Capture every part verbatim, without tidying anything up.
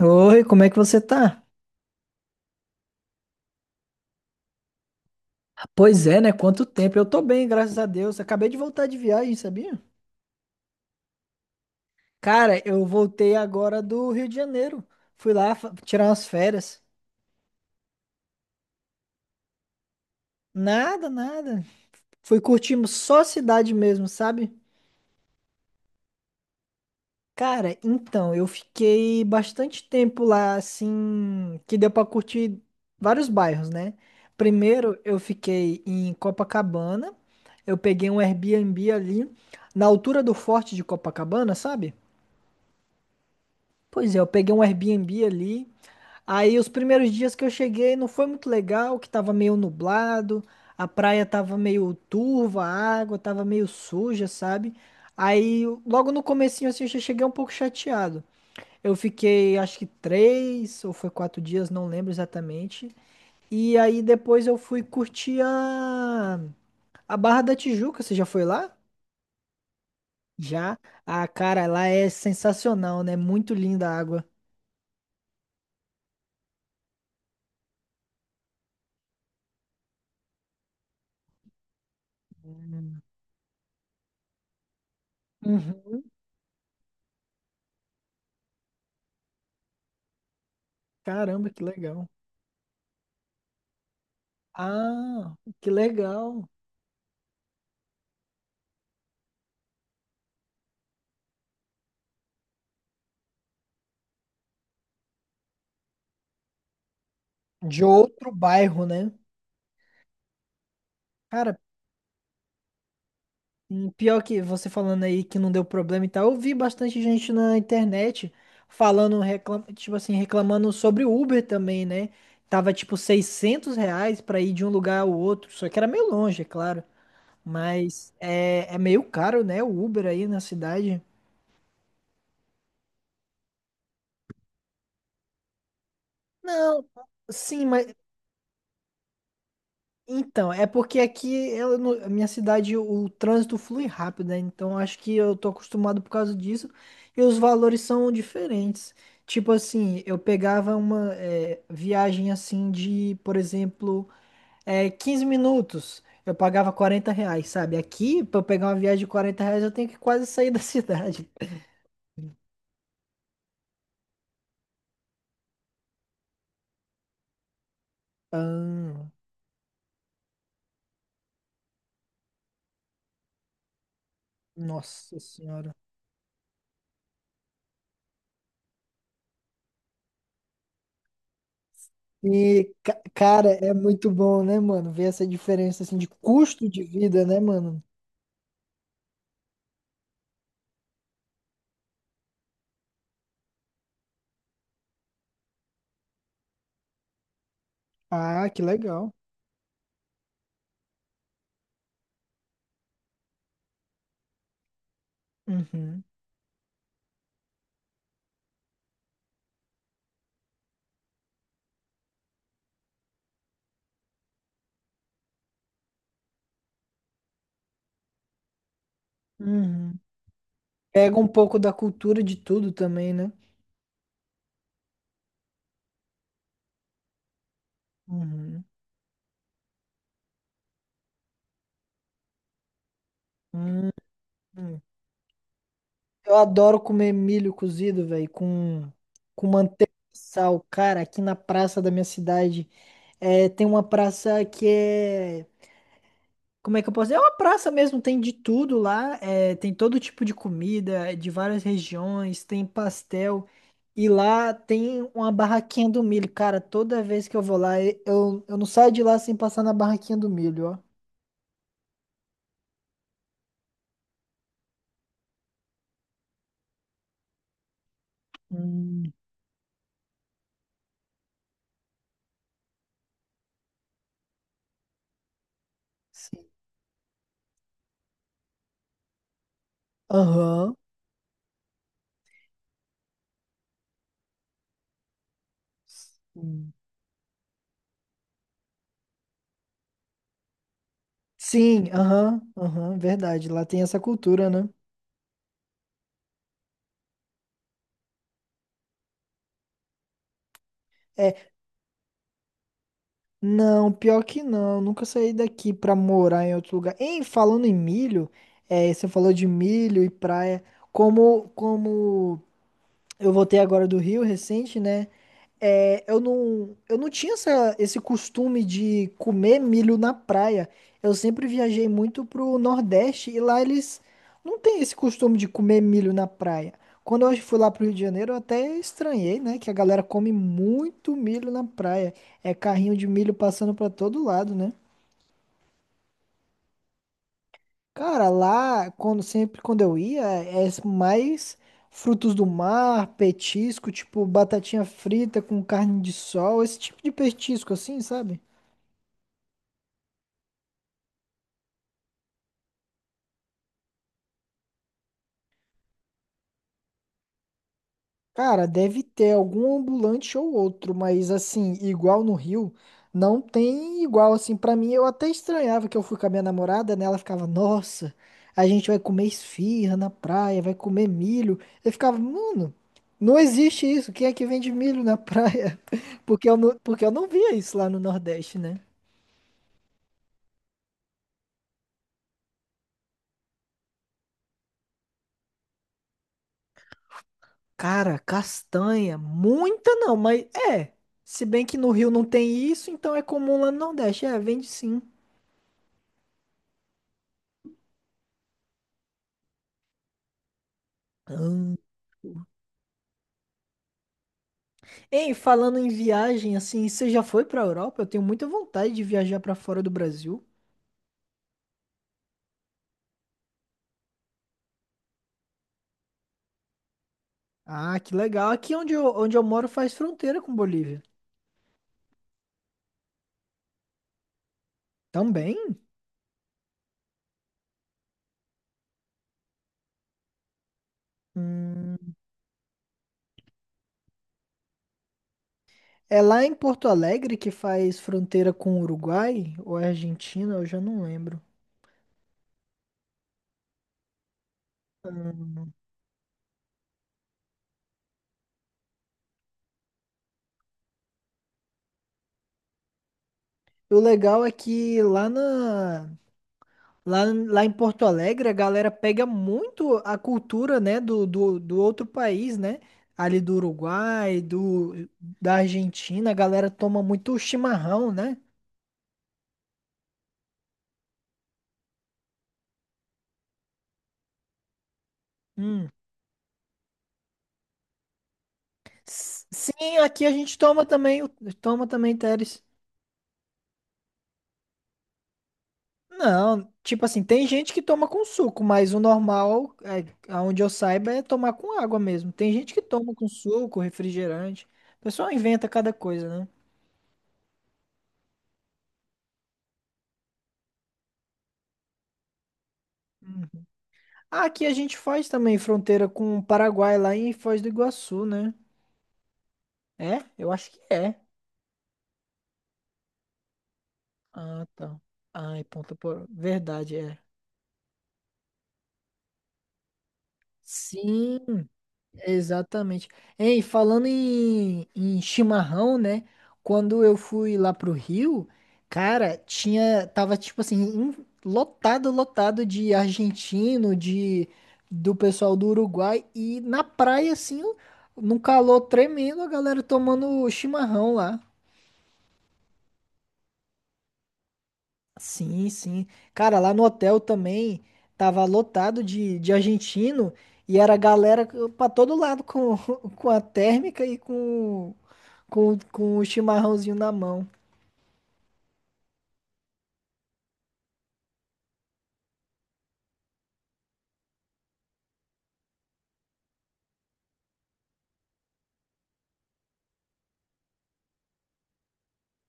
Oi, como é que você tá? Pois é, né? Quanto tempo? Eu tô bem, graças a Deus. Acabei de voltar de viagem, sabia? Cara, eu voltei agora do Rio de Janeiro. Fui lá fa- tirar umas férias. Nada, nada. Fui curtindo só a cidade mesmo, sabe? Cara, então, eu fiquei bastante tempo lá, assim, que deu pra curtir vários bairros, né? Primeiro, eu fiquei em Copacabana. Eu peguei um Airbnb ali, na altura do Forte de Copacabana, sabe? Pois é, eu peguei um Airbnb ali. Aí os primeiros dias que eu cheguei não foi muito legal, que tava meio nublado, a praia tava meio turva, a água tava meio suja, sabe? Aí logo no comecinho assim eu já cheguei um pouco chateado. Eu fiquei acho que três ou foi quatro dias, não lembro exatamente. E aí depois eu fui curtir a, a Barra da Tijuca. Você já foi lá? Já. Ah, cara, lá é sensacional, né? Muito linda a água. Uhum. Caramba, que legal. Ah, que legal. De outro bairro, né? Cara, e pior que você falando aí que não deu problema e tal, eu vi bastante gente na internet falando, reclam... tipo assim, reclamando sobre o Uber também, né? Tava tipo seiscentos reais pra ir de um lugar ao outro, só que era meio longe, é claro. Mas é, é meio caro, né? O Uber aí na cidade. Não, sim, mas então, é porque aqui, eu, não- a minha cidade, o, trânsito flui rápido, né? Então, acho que eu tô acostumado por causa disso. E os valores são diferentes. Tipo assim, eu pegava uma é, viagem assim de, por exemplo, é, quinze minutos. Eu pagava quarenta reais, sabe? Aqui, pra eu pegar uma viagem de quarenta reais, eu tenho que quase sair da cidade. Ah, nossa senhora. E, ca- cara, é muito bom, né, mano? Ver essa diferença assim de custo de vida, né, mano? Ah, que legal. Uhum, uhum. Pega um pouco da cultura de tudo também, né? Uhum. Uhum. Eu adoro comer milho cozido, velho, com, com manteiga e sal. Cara, aqui na praça da minha cidade é, tem uma praça que é como é que eu posso dizer? É uma praça mesmo, tem de tudo lá, é, tem todo tipo de comida, é, de várias regiões, tem pastel. E lá tem uma barraquinha do milho. Cara, toda vez que eu vou lá, eu, eu não saio de lá sem passar na barraquinha do milho, ó. Hum, sim. Aham. Hum. Sim, aham, aham, verdade. Lá tem essa cultura, né? É, não, pior que não. Nunca saí daqui pra morar em outro lugar. Em falando em milho, é, você falou de milho e praia. Como, como eu voltei agora do Rio recente, né? É, eu não, eu não tinha essa- esse costume de comer milho na praia. Eu sempre viajei muito pro Nordeste e lá eles não têm esse costume de comer milho na praia. Quando eu fui lá pro Rio de Janeiro, eu até estranhei, né? Que a galera come muito milho na praia. É carrinho de milho passando pra todo lado, né? Cara, lá, quando sempre quando eu ia, é mais frutos do mar, petisco, tipo batatinha frita com carne de sol, esse tipo de petisco assim, sabe? Cara, deve ter algum ambulante ou outro, mas assim, igual no Rio, não tem igual assim. Pra mim, eu até estranhava que eu fui com a minha namorada, né? Ela ficava, nossa, a gente vai comer esfirra na praia, vai comer milho. Eu ficava, mano, não existe isso. Quem é que vende milho na praia? Porque eu não, porque eu não via isso lá no Nordeste, né? Cara, castanha, muita não, mas é. Se bem que no Rio não tem isso, então é comum lá no Nordeste. É, vende sim. Ah. Ei, falando em viagem, assim, você já foi pra Europa? Eu tenho muita vontade de viajar pra fora do Brasil. Ah, que legal. Aqui onde eu, onde eu moro faz fronteira com Bolívia. Também? Hum, é lá em Porto Alegre que faz fronteira com o Uruguai ou é Argentina, eu já não lembro. Hum, O legal é que lá na, Lá, lá em Porto Alegre, a galera pega muito a cultura, né, do, do, do outro país, né? Ali do Uruguai, do, da Argentina, a galera toma muito chimarrão, né? Hum. S- Sim, aqui a gente toma também, o- toma também, Teres. Não, tipo assim, tem gente que toma com suco, mas o normal, é, aonde eu saiba, é tomar com água mesmo. Tem gente que toma com suco, refrigerante. O pessoal inventa cada coisa, né? Hum. Aqui a gente faz também fronteira com o Paraguai, lá em Foz do Iguaçu, né? É? Eu acho que é. Ah, tá. Ai, ponta por... Verdade, é. Sim, exatamente. Ei, falando em, em chimarrão, né? Quando eu fui lá pro Rio, cara, tinha, tava tipo assim, em- lotado, lotado de argentino, de do pessoal do Uruguai e na praia assim, num calor tremendo, a galera tomando chimarrão lá. Sim, sim. Cara, lá no hotel também tava lotado de, de argentino e era galera pra todo lado com, com a térmica e com, com, com o chimarrãozinho na mão.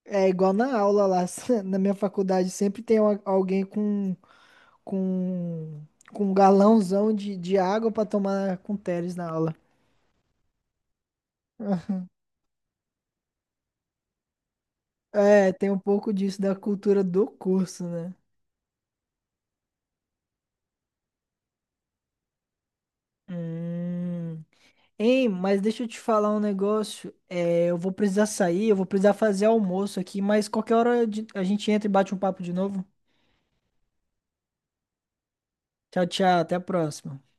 É igual na aula lá, na minha faculdade, sempre tem al- alguém com, com, com um galãozão de, de água pra tomar com Teles na aula. É, tem um pouco disso da cultura do curso, né? Hum. Ei, mas deixa eu te falar um negócio. É, eu vou precisar sair, eu vou precisar fazer almoço aqui, mas qualquer hora de- a gente entra e bate um papo de novo. Tchau, tchau, até a próxima.